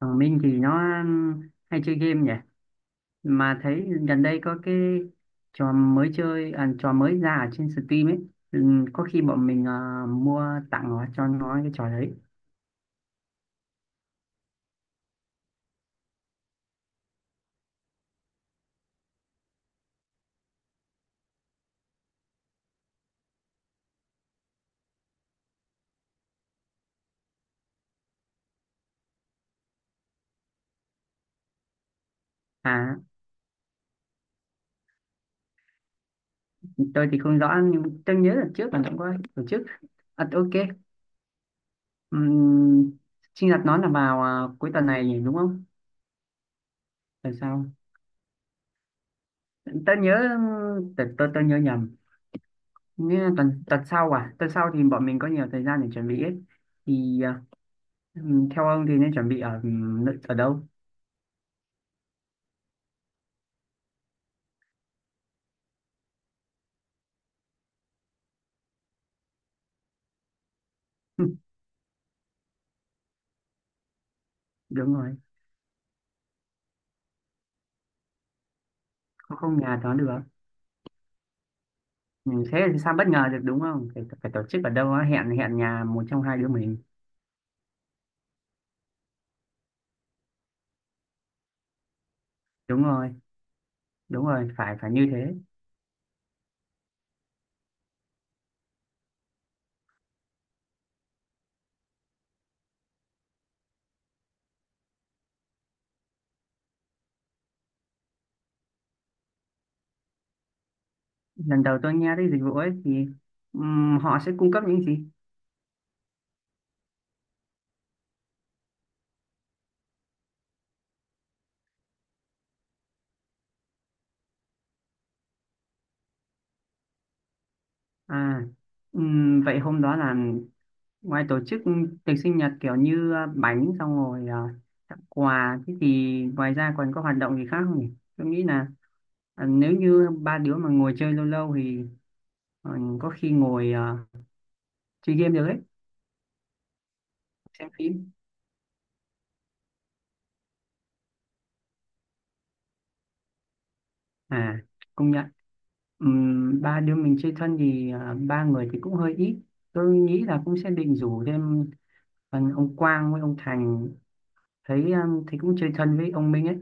Còn Minh thì nó hay chơi game nhỉ. Mà thấy gần đây có cái trò mới chơi, à, trò mới ra ở trên Steam ấy. Ừ, có khi bọn mình, à, mua tặng nó cho nó cái trò đấy. À, tôi thì không rõ nhưng tôi nhớ là trước là cũng có tổ chức. À, ok. Um, sinh nhật nó là vào, à, cuối tuần này nhỉ, đúng không? Tuần sau. Tôi nhớ, tôi, tôi nhớ nhầm. Như tuần tuần sau, à, tuần sau thì bọn mình có nhiều thời gian để chuẩn bị ấy. Thì ờ, ừ, theo ông thì nên chuẩn bị ở, ừ, nơi- ở đâu? Đúng rồi. Không, không, nhà đó được. Ừ, thế thì sao bất ngờ được đúng không? Phải, phải tổ chức ở đâu á, hẹn hẹn nhà một trong hai đứa mình. Đúng rồi, đúng rồi, phải phải như thế. Lần đầu tôi nghe tới dịch vụ ấy thì họ sẽ cung cấp những gì? À, vậy hôm đó là ngoài tổ chức tiệc sinh nhật kiểu như à, bánh xong rồi, à, tặng quà, thế thì ngoài ra còn có hoạt động gì khác không nhỉ? Tôi nghĩ là, à, nếu như ba đứa mà ngồi chơi lâu lâu thì ờ, có khi ngồi ờ, chơi game được ấy. Xem phim. À, công nhận. Ba đứa mình chơi thân thì ờ, ba người thì cũng hơi ít. Tôi nghĩ là cũng sẽ định rủ thêm ờ, ông Quang với ông Thành, thấy ờ, thấy cũng chơi thân với ông Minh ấy.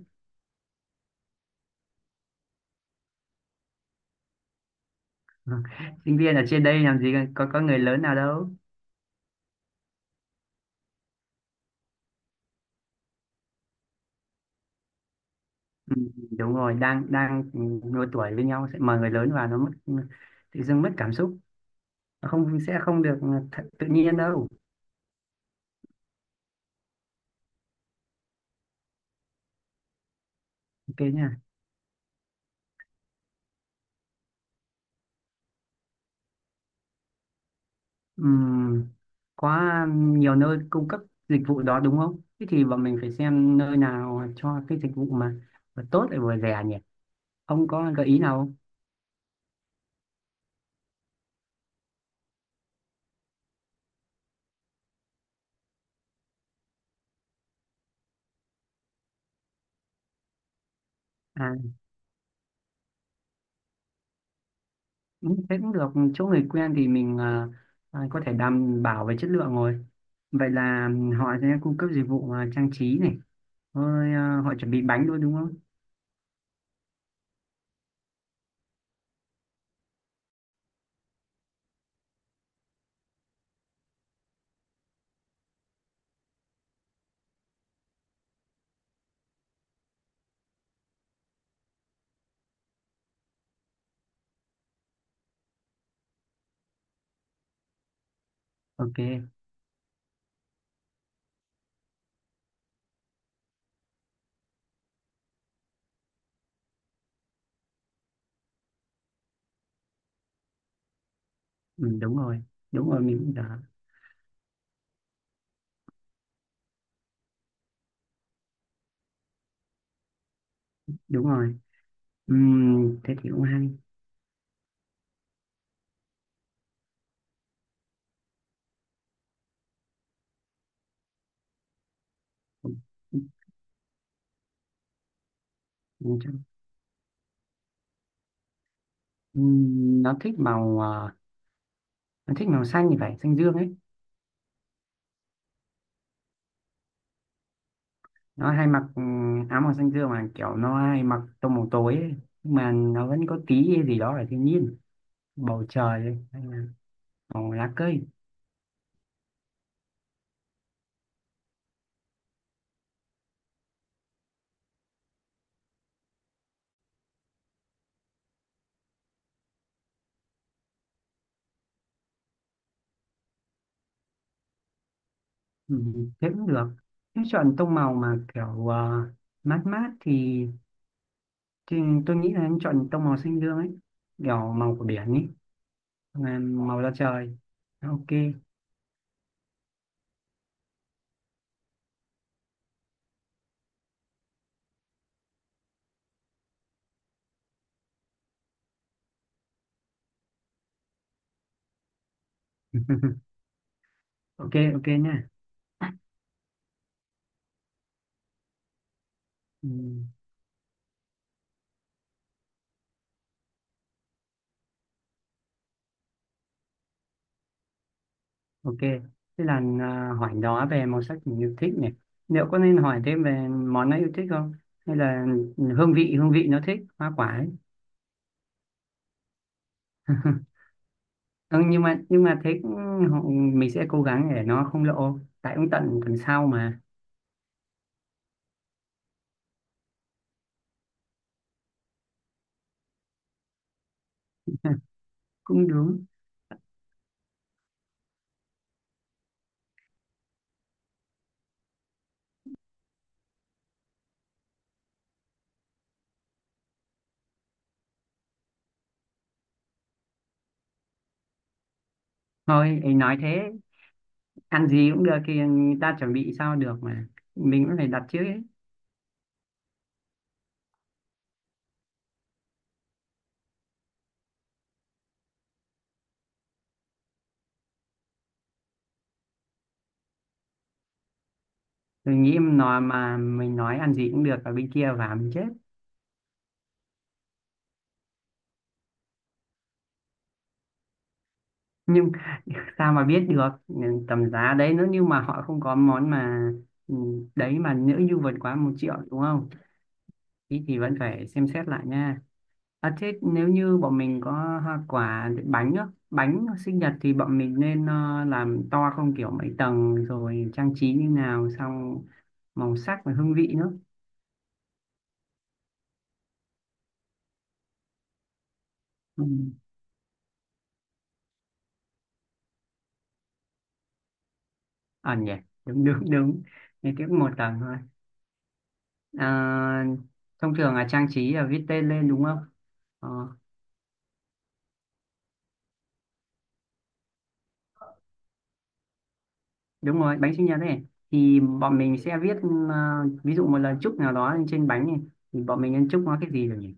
Ờ, sinh viên ở trên đây làm gì có người lớn nào đâu. Ừm, đúng rồi, đang đang độ tuổi với nhau sẽ mời người lớn vào nó mất, tự dưng mất cảm xúc. Không, sẽ không được thật, tự nhiên đâu. Ok nhỉ. Ừm, có nhiều nơi cung cấp dịch vụ đó đúng không? Thế thì bọn mình phải xem nơi nào cho cái dịch vụ mà vừa tốt lại vừa rẻ nhỉ. Ông có gợi ý nào không? À, ừ, thế cũng được. Chỗ người quen thì mình ờ, ờ, có thể đảm bảo về chất lượng rồi. Vậy là họ sẽ cung cấp dịch vụ ờ, trang trí này. Rồi ờ, họ chuẩn bị bánh luôn đúng không? Ok, ừ, đúng rồi. Đúng rồi, mình cũng đã. Đúng rồi. Thế thì cũng hay. Ừ, ừ, chắc- nó thích màu à, nó thích màu xanh thì phải xanh dương ấy. Nó hay mặc ừ, áo màu xanh dương mà kiểu nó hay mặc tông màu tối ấy. Nhưng mà nó vẫn có tí gì đó là thiên nhiên, bầu trời ấy, hay là màu lá cây. Ừ, thế cũng được. Nếu chọn tông màu mà kiểu ờ, mát mát thì, tôi nghĩ là em chọn tông màu xanh dương ấy, kiểu màu của biển ấy, mà màu da trời. Ok. Ok, ok nha. Ừ. Ok, thế là à, hỏi đó về màu sắc mình yêu thích này. Liệu có nên hỏi thêm về món nó yêu thích không? Hay là hương vị nó thích, hoa quả ấy. Ừ, nhưng mà thế cũng- họ- mình sẽ cố gắng để nó không lộ. Tại cũng tận tuần sau mà. Cũng đúng. Thôi, ấy nói thế, ăn gì cũng được thì người ta chuẩn bị sao được mà. Mình cũng phải đặt trước ấy. Mình nghĩ nó mà mình nói ăn gì cũng được ở bên kia và mình chết. Nhưng sao mà biết được ừ, tầm giá đấy nữa nhưng mà họ không có món mà ừ, đấy mà nữ du vượt quá 1.000.000 đúng không? Thì vẫn phải xem xét lại nha. À, thế nếu như bọn mình có hoa quả bánh á, bánh sinh nhật thì bọn mình nên ờ, làm to không kiểu mấy tầng rồi trang trí như nào, xong màu sắc và hương vị nữa. Ừ. À nhỉ. Đúng đúng đúng. Nên tiếp một tầng thôi. À, thông thường là trang trí là viết tên lên đúng không? Ờ, đúng rồi, bánh sinh nhật ấy thì bọn mình sẽ viết ờ, ví dụ một lần chúc nào đó lên trên bánh này, thì bọn mình nên chúc nó cái gì rồi nhỉ.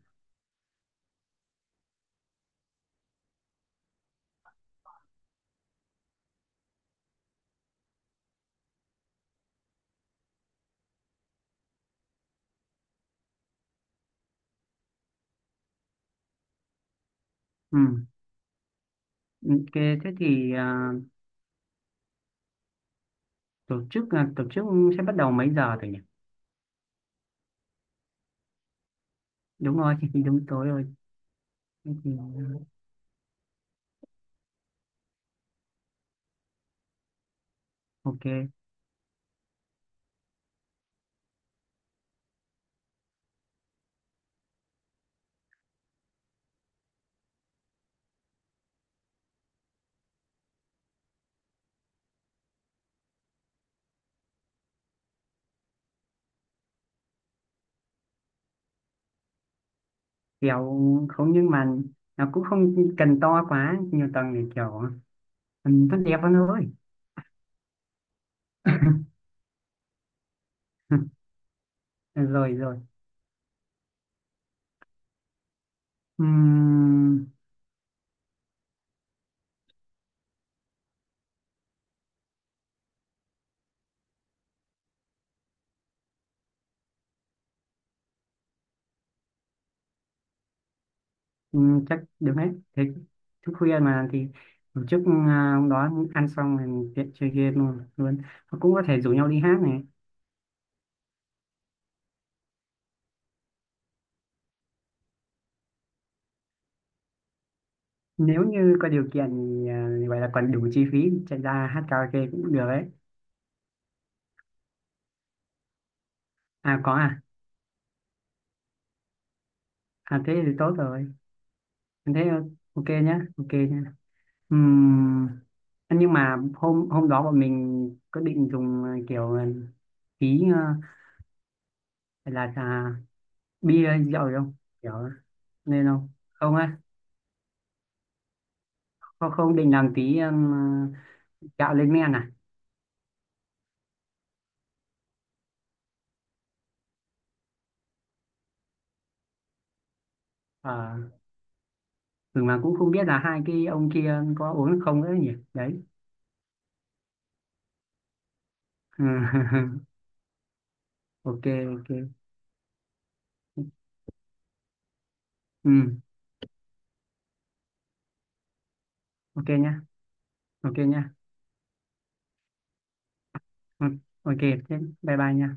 Ừ. Ok. Thế thì ờ, tổ chức là tổ chức sẽ bắt đầu mấy giờ rồi nhỉ? Đúng rồi. Thì đúng tối rồi. Thế thì, ok. Kẹo. Không nhưng mà nó cũng không cần to quá nhiều tầng để kiểu ừ, tốt đẹp hơn thôi. Rồi rồi. Ừm. Ừ, chắc được hết. Thế thức khuya mà thì tổ chức, à, hôm đó ăn xong rồi tiện chơi game luôn luôn. Và cũng có thể rủ nhau đi hát này. Nếu như có điều kiện thì à, vậy là còn đủ chi phí chạy ra hát karaoke cũng được đấy. À có à. À thế thì tốt rồi. Thế ờ, ok nhá, ok nhá. Ừm, nhưng mà hôm hôm đó bọn mình có định dùng à, kiểu à, tí à, là à, bia hay rượu gì không kiểu nên không không á, không không định làm tí gạo lên men à? Ờ. Ừ, mà cũng không biết là hai cái ông kia có uống không nữa nhỉ đấy. Ừ. Ok, ok. Ừ. Ok nhá, ok nhá. Ừ, ok thế bye bye nha.